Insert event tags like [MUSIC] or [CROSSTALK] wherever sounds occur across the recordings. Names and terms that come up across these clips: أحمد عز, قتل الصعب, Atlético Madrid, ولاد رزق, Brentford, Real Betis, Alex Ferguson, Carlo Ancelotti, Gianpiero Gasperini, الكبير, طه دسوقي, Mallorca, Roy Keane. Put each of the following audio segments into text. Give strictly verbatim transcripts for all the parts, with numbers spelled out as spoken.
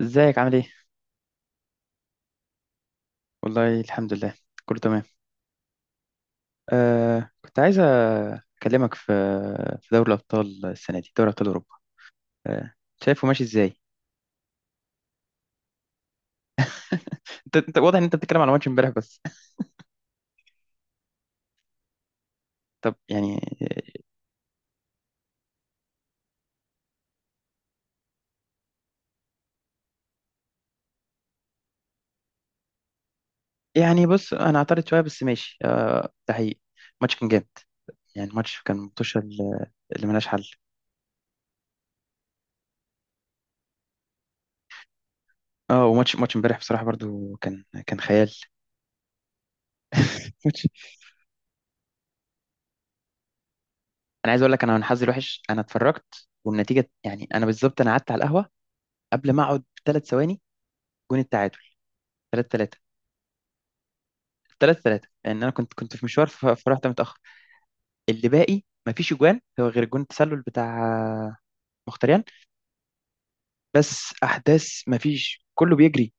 ازيك عامل ايه؟ والله، الحمد لله، كله تمام. آه كنت عايز اكلمك في في دوري الابطال السنه دي، دوري ابطال اوروبا. آه شايفه ماشي ازاي؟ انت انت واضح ان انت بتتكلم على ماتش امبارح بس. [LAUGHS] طب، يعني يعني بص، انا اعترض شويه بس ماشي، آه، ده حقيقي. الماتش كان جامد، يعني الماتش كان متوشه اللي اللي ملهاش حل. اه، وماتش ماتش امبارح بصراحه برضو كان كان خيال. [LAUGHS] ماتش. انا عايز اقول لك، انا من حظي الوحش انا اتفرجت والنتيجه، يعني انا بالظبط انا قعدت على القهوه قبل ما اقعد بثلاث ثواني جون التعادل، ثلاثة ثلاثة. ثلاثة ثلاثة. لان انا كنت كنت في مشوار، ف- فرحت متاخر. اللي باقي ما فيش اجوان هو غير جون التسلل بتاع مختريان، بس احداث ما فيش، كله بيجري.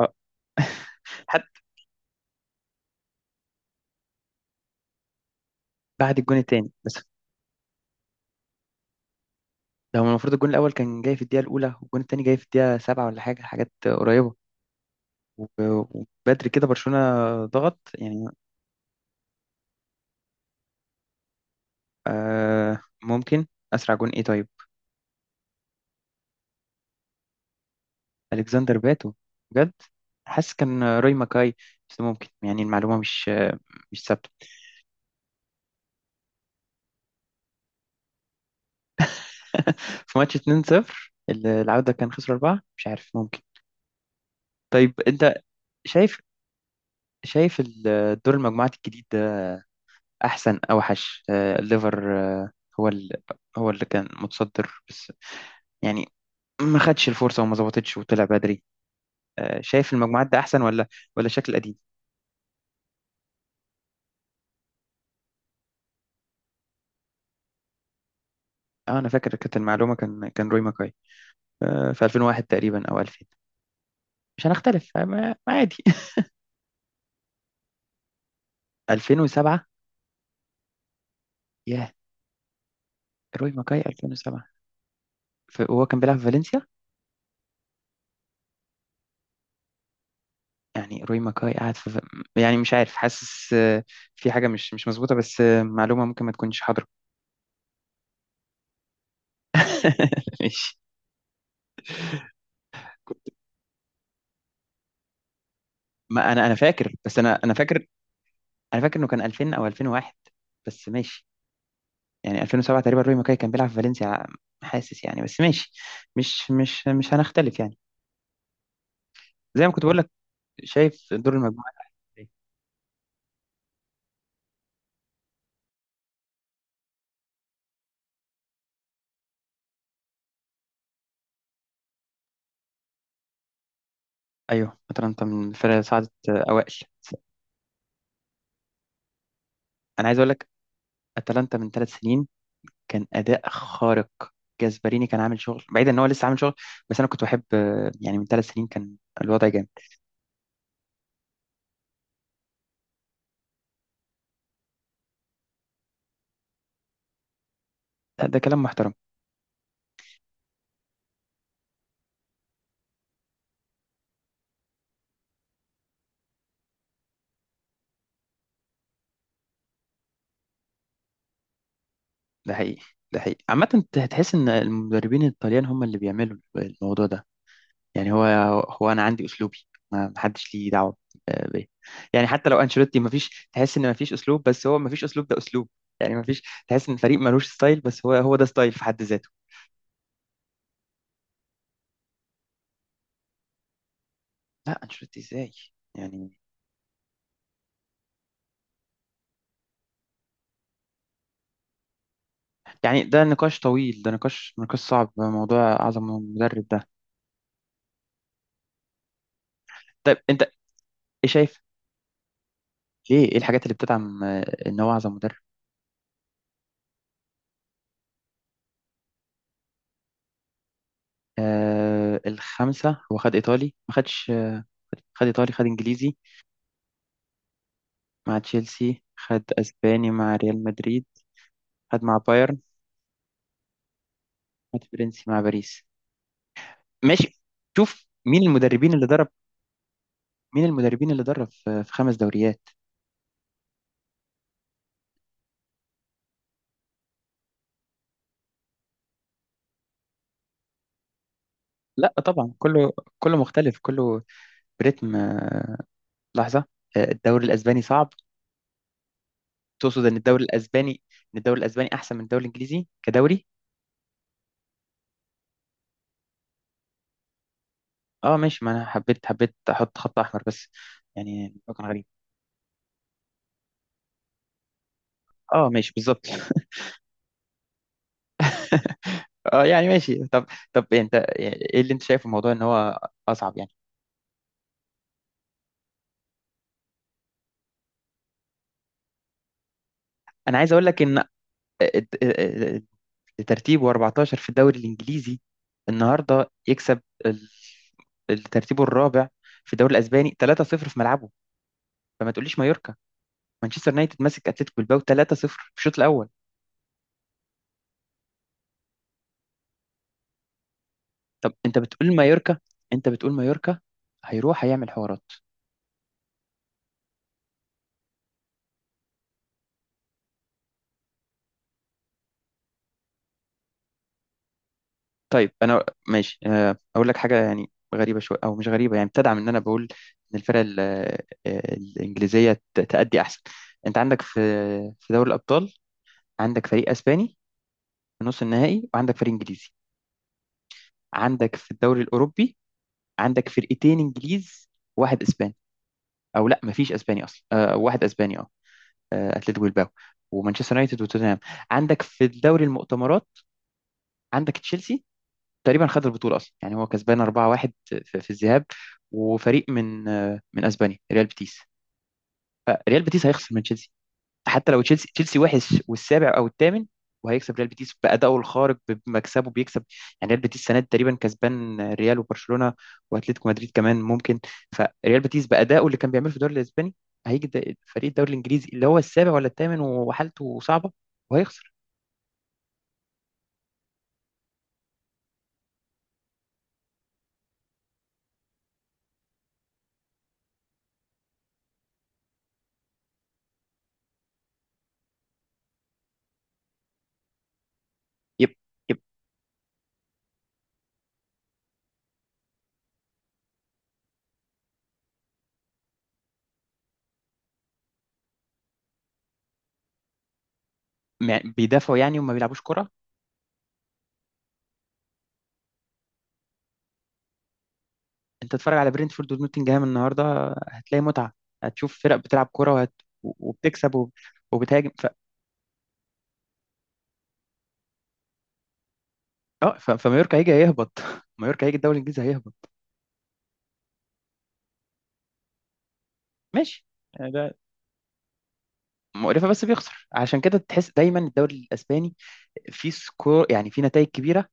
اه. حتى بعد الجون التاني بس. لو المفروض الجون الاول كان جاي في الدقيقه الاولى والجون التاني جاي في الدقيقه سبعة، ولا حاجه، حاجات قريبه. و- وبدري كده برشلونه ضغط يعني. آه، ممكن. اسرع جون ايه طيب؟ الكسندر باتو؟ بجد؟ حاسس كان روي ماكاي، بس ممكن يعني المعلومه مش مش ثابته. [LAUGHS] في ماتش اتنين صفر، ال- العودة كان خسروا أربعة، مش عارف، ممكن. طيب أنت شايف؟ شايف ال- دور المجموعات الجديد ده؟ أحسن أوحش؟ آه، الليفر، آه، هو ال- هو اللي كان متصدر بس، يعني ما خدش الفرصة وما ظبطتش وطلع بدري. آه، شايف المجموعات ده أحسن ولا ولا شكل القديم؟ أه أنا فاكر كانت المعلومة، كان كان روي ماكاي، آه، في الفين وواحد تقريبا أو ألفين. مش هنختلف، آه، ما- ما عادي. [LAUGHS] ألفين وسبعة. ياه. روي ماكاي ألفين وسبعة. ف- وهو كان بيلعب في فالنسيا، يعني روي ماكاي قاعد في، يعني مش عارف، حاسس آه، في حاجة مش مش مظبوطة، بس آه، معلومة ممكن ما تكونش حاضرة. [LAUGHS] ماشي. ما انا انا فاكر، بس انا انا فاكر، انا فاكر انه كان ألفين او ألفين وواحد، بس ماشي. يعني الفين وسبعة تقريبا روي ماكاي كان بيلعب في فالنسيا، حاسس يعني، بس ماشي. مش مش مش هنختلف يعني. زي ما كنت بقول لك، شايف دور المجموعة. ايوه، اتلانتا من الفرق اللي صعدت، آه، اوائل. انا عايز اقول لك، اتلانتا من ثلاث سنين كان اداء خارق، جاسبريني كان عامل شغل بعيد، ان هو لسه عامل شغل، بس انا كنت بحب آه، يعني من ثلاث سنين كان الوضع جامد. ده, ده كلام محترم. ده حقيقي، ده حقيقي. عامة انت هتحس ان المدربين الطليان هم اللي بيعملوا الموضوع ده، يعني هو، هو انا عندي اسلوبي، ما حدش ليه دعوة آه، بيه. يعني حتى لو انشيلوتي، ما فيش تحس ان ما فيش اسلوب، بس هو ما فيش اسلوب ده اسلوب. يعني ما فيش تحس ان الفريق ملوش ستايل، بس هو هو ده ستايل في حد ذاته. لا، انشيلوتي ازاي. يعني يعني ده نقاش طويل، ده نقاش، نقاش صعب، موضوع أعظم مدرب ده. طيب أنت، إيه شايف، ليه، إيه الحاجات اللي بتدعم آه، إن هو أعظم مدرب؟ آه الخمسة، هو خد إيطالي، ما خدش آه، خد إيطالي، خد إنجليزي مع تشيلسي، خد أسباني مع ريال مدريد، خد مع بايرن، خد فرنسي مع باريس. ماشي. شوف مين المدربين اللي درب، مين المدربين اللي درب في في خمس دوريات. لا طبعا، كله، كله مختلف، كله بريتم آه، لحظة. آه، الدوري الأسباني صعب. تقصد ان الدوري الاسباني، ان الدوري الاسباني احسن من الدوري الانجليزي كدوري؟ اه ماشي، ما انا حبيت حبيت احط خط احمر بس، يعني الموضوع كان غريب. اه، ماشي، بالظبط. [LAUGHS] اه يعني ماشي، طب. طب إيه انت، ايه اللي انت شايفه الموضوع ان هو اصعب يعني؟ انا عايز اقول لك ان ترتيبه اربعتاشر في الدوري الانجليزي، النهارده يكسب ال- الترتيب الرابع في الدوري الاسباني ثلاثة صفر في ملعبه، فما تقوليش مايوركا. مانشستر يونايتد ماسك اتلتيكو بالباو تلاتة صفر في الشوط الاول. طب، انت بتقول مايوركا انت بتقول مايوركا هيروح هيعمل حوارات؟ طيب انا ماشي، آه، اقول لك حاجه يعني غريبه شويه او مش غريبه، يعني بتدعم ان انا بقول ان الفرق ال- آه، الانجليزيه ت- تأدي احسن. انت عندك في في دوري الابطال عندك فريق اسباني في نص النهائي وعندك فريق انجليزي. عندك في الدوري الاوروبي، عندك فرقتين انجليز، واحد اسباني، او لا، مفيش اسباني اصلا. آه، واحد اسباني، اه، آه، اتلتيكو بالباو ومانشستر يونايتد وتوتنهام. عندك في الدوري المؤتمرات عندك تشيلسي تقريبا خد البطولة أصلا، يعني هو كسبان اربعة واحد في في الذهاب، وفريق من آه، من أسبانيا، ريال بيتيس. فريال بيتيس هيخسر من تشيلسي. حتى لو تشيلسي، تشيلسي وحش والسابع أو الثامن وهيكسب ريال بيتيس بأدائه الخارق بمكسبه، بيكسب. يعني ريال بيتيس السنة دي تقريبا كسبان ريال وبرشلونة وأتلتيكو مدريد كمان ممكن. فريال بيتيس بأدائه اللي كان بيعمله في الدوري الأسباني، هيجي د- فريق الدوري الإنجليزي اللي هو السابع ولا الثامن وحالته صعبة، وهيخسر. يبقى، يبقى، مع- بيدافعوا يعني وما بيلعبوش كرة. انت تتفرج على برينتفورد ونوتنجهام النهارده، هتلاقي متعه، هتشوف فرق بتلعب كوره وهت... وبتكسب وب... وبتهاجم ف... اه ف... فمايوركا هيجي هيهبط. [LAUGHS] مايوركا هيجي الدوري الانجليزي هيهبط. ماشي، يعني ده مقرفه بس بيخسر، عشان كده تحس دايما الدوري الاسباني فيه سكور، يعني فيه نتائج كبيره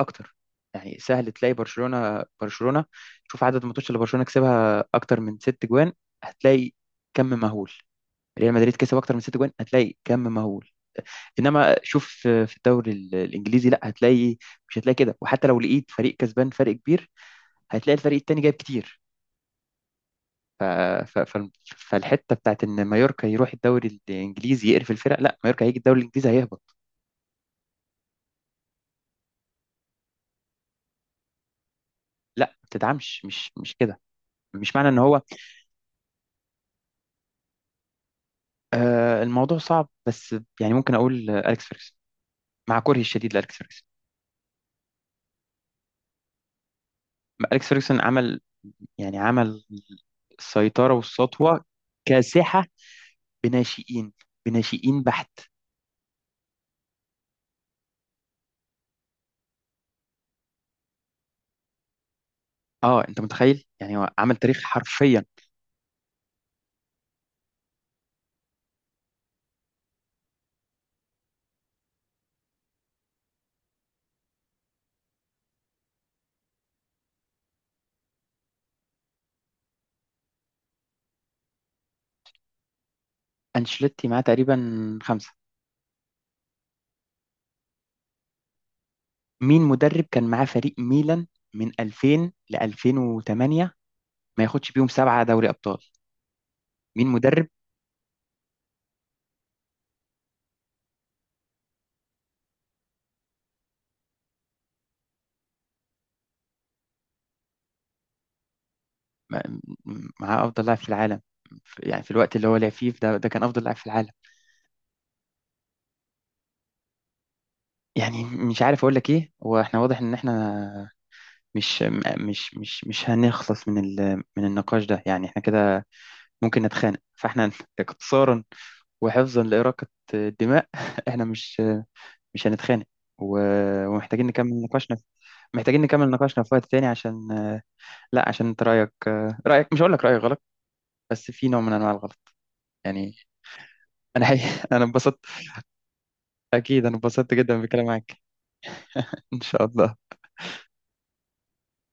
اكتر، يعني سهل تلاقي برشلونه، برشلونه شوف عدد الماتشات اللي برشلونه كسبها اكتر من ست جوان، هتلاقي كم مهول. ريال مدريد كسب اكتر من ست جوان، هتلاقي كم مهول. انما شوف في في الدوري ال- الانجليزي، لا، هتلاقي، مش هتلاقي كده. وحتى لو لقيت فريق كسبان فرق كبير، هتلاقي الفريق التاني جايب كتير. ف... ف... ف... فالحته بتاعت ان مايوركا يروح الدوري الانجليزي يقرف الفرق، لا، مايوركا هيجي الدوري الانجليزي هيهبط. لا، ما تدعمش، مش مش كده، مش معنى ان هو. آه الموضوع صعب بس، يعني ممكن اقول آه، اليكس فيرجسون، مع كرهي الشديد لاليكس فيرجسون. اليكس فيرجسون عمل، يعني عمل السيطره والسطوه كاسحه بناشئين، بناشئين بحت. اه انت متخيل، يعني هو عمل تاريخ حرفيا. انشيلوتي معاه تقريبا خمسة. مين مدرب كان معاه فريق ميلان من ألفين ل الفين وتمانية ما ياخدش بيهم سبعة دوري ابطال؟ مين مدرب، م- م- معاه افضل لاعب في العالم، ف- يعني في الوقت اللي هو لعب فيه ده، ده كان افضل لاعب في العالم. يعني مش عارف اقول لك ايه، هو احنا واضح ان احنا مش م- مش مش مش هنخلص من ال من النقاش ده، يعني احنا كده ممكن نتخانق فاحنا [LAUGHS] اختصارا وحفظا لإراقة الدماء. [LAUGHS] احنا مش مش هنتخانق، و- ومحتاجين نكمل نقاشنا في- محتاجين نكمل نقاشنا في وقت تاني عشان آه، لا عشان انت رأيك آه، رأيك مش هقول لك رأيك غلط، بس في نوع من انواع الغلط يعني. انا حقيقي [LAUGHS] انا انبسطت. اكيد انا انبسطت جدا بالكلام معاك، ان شاء الله.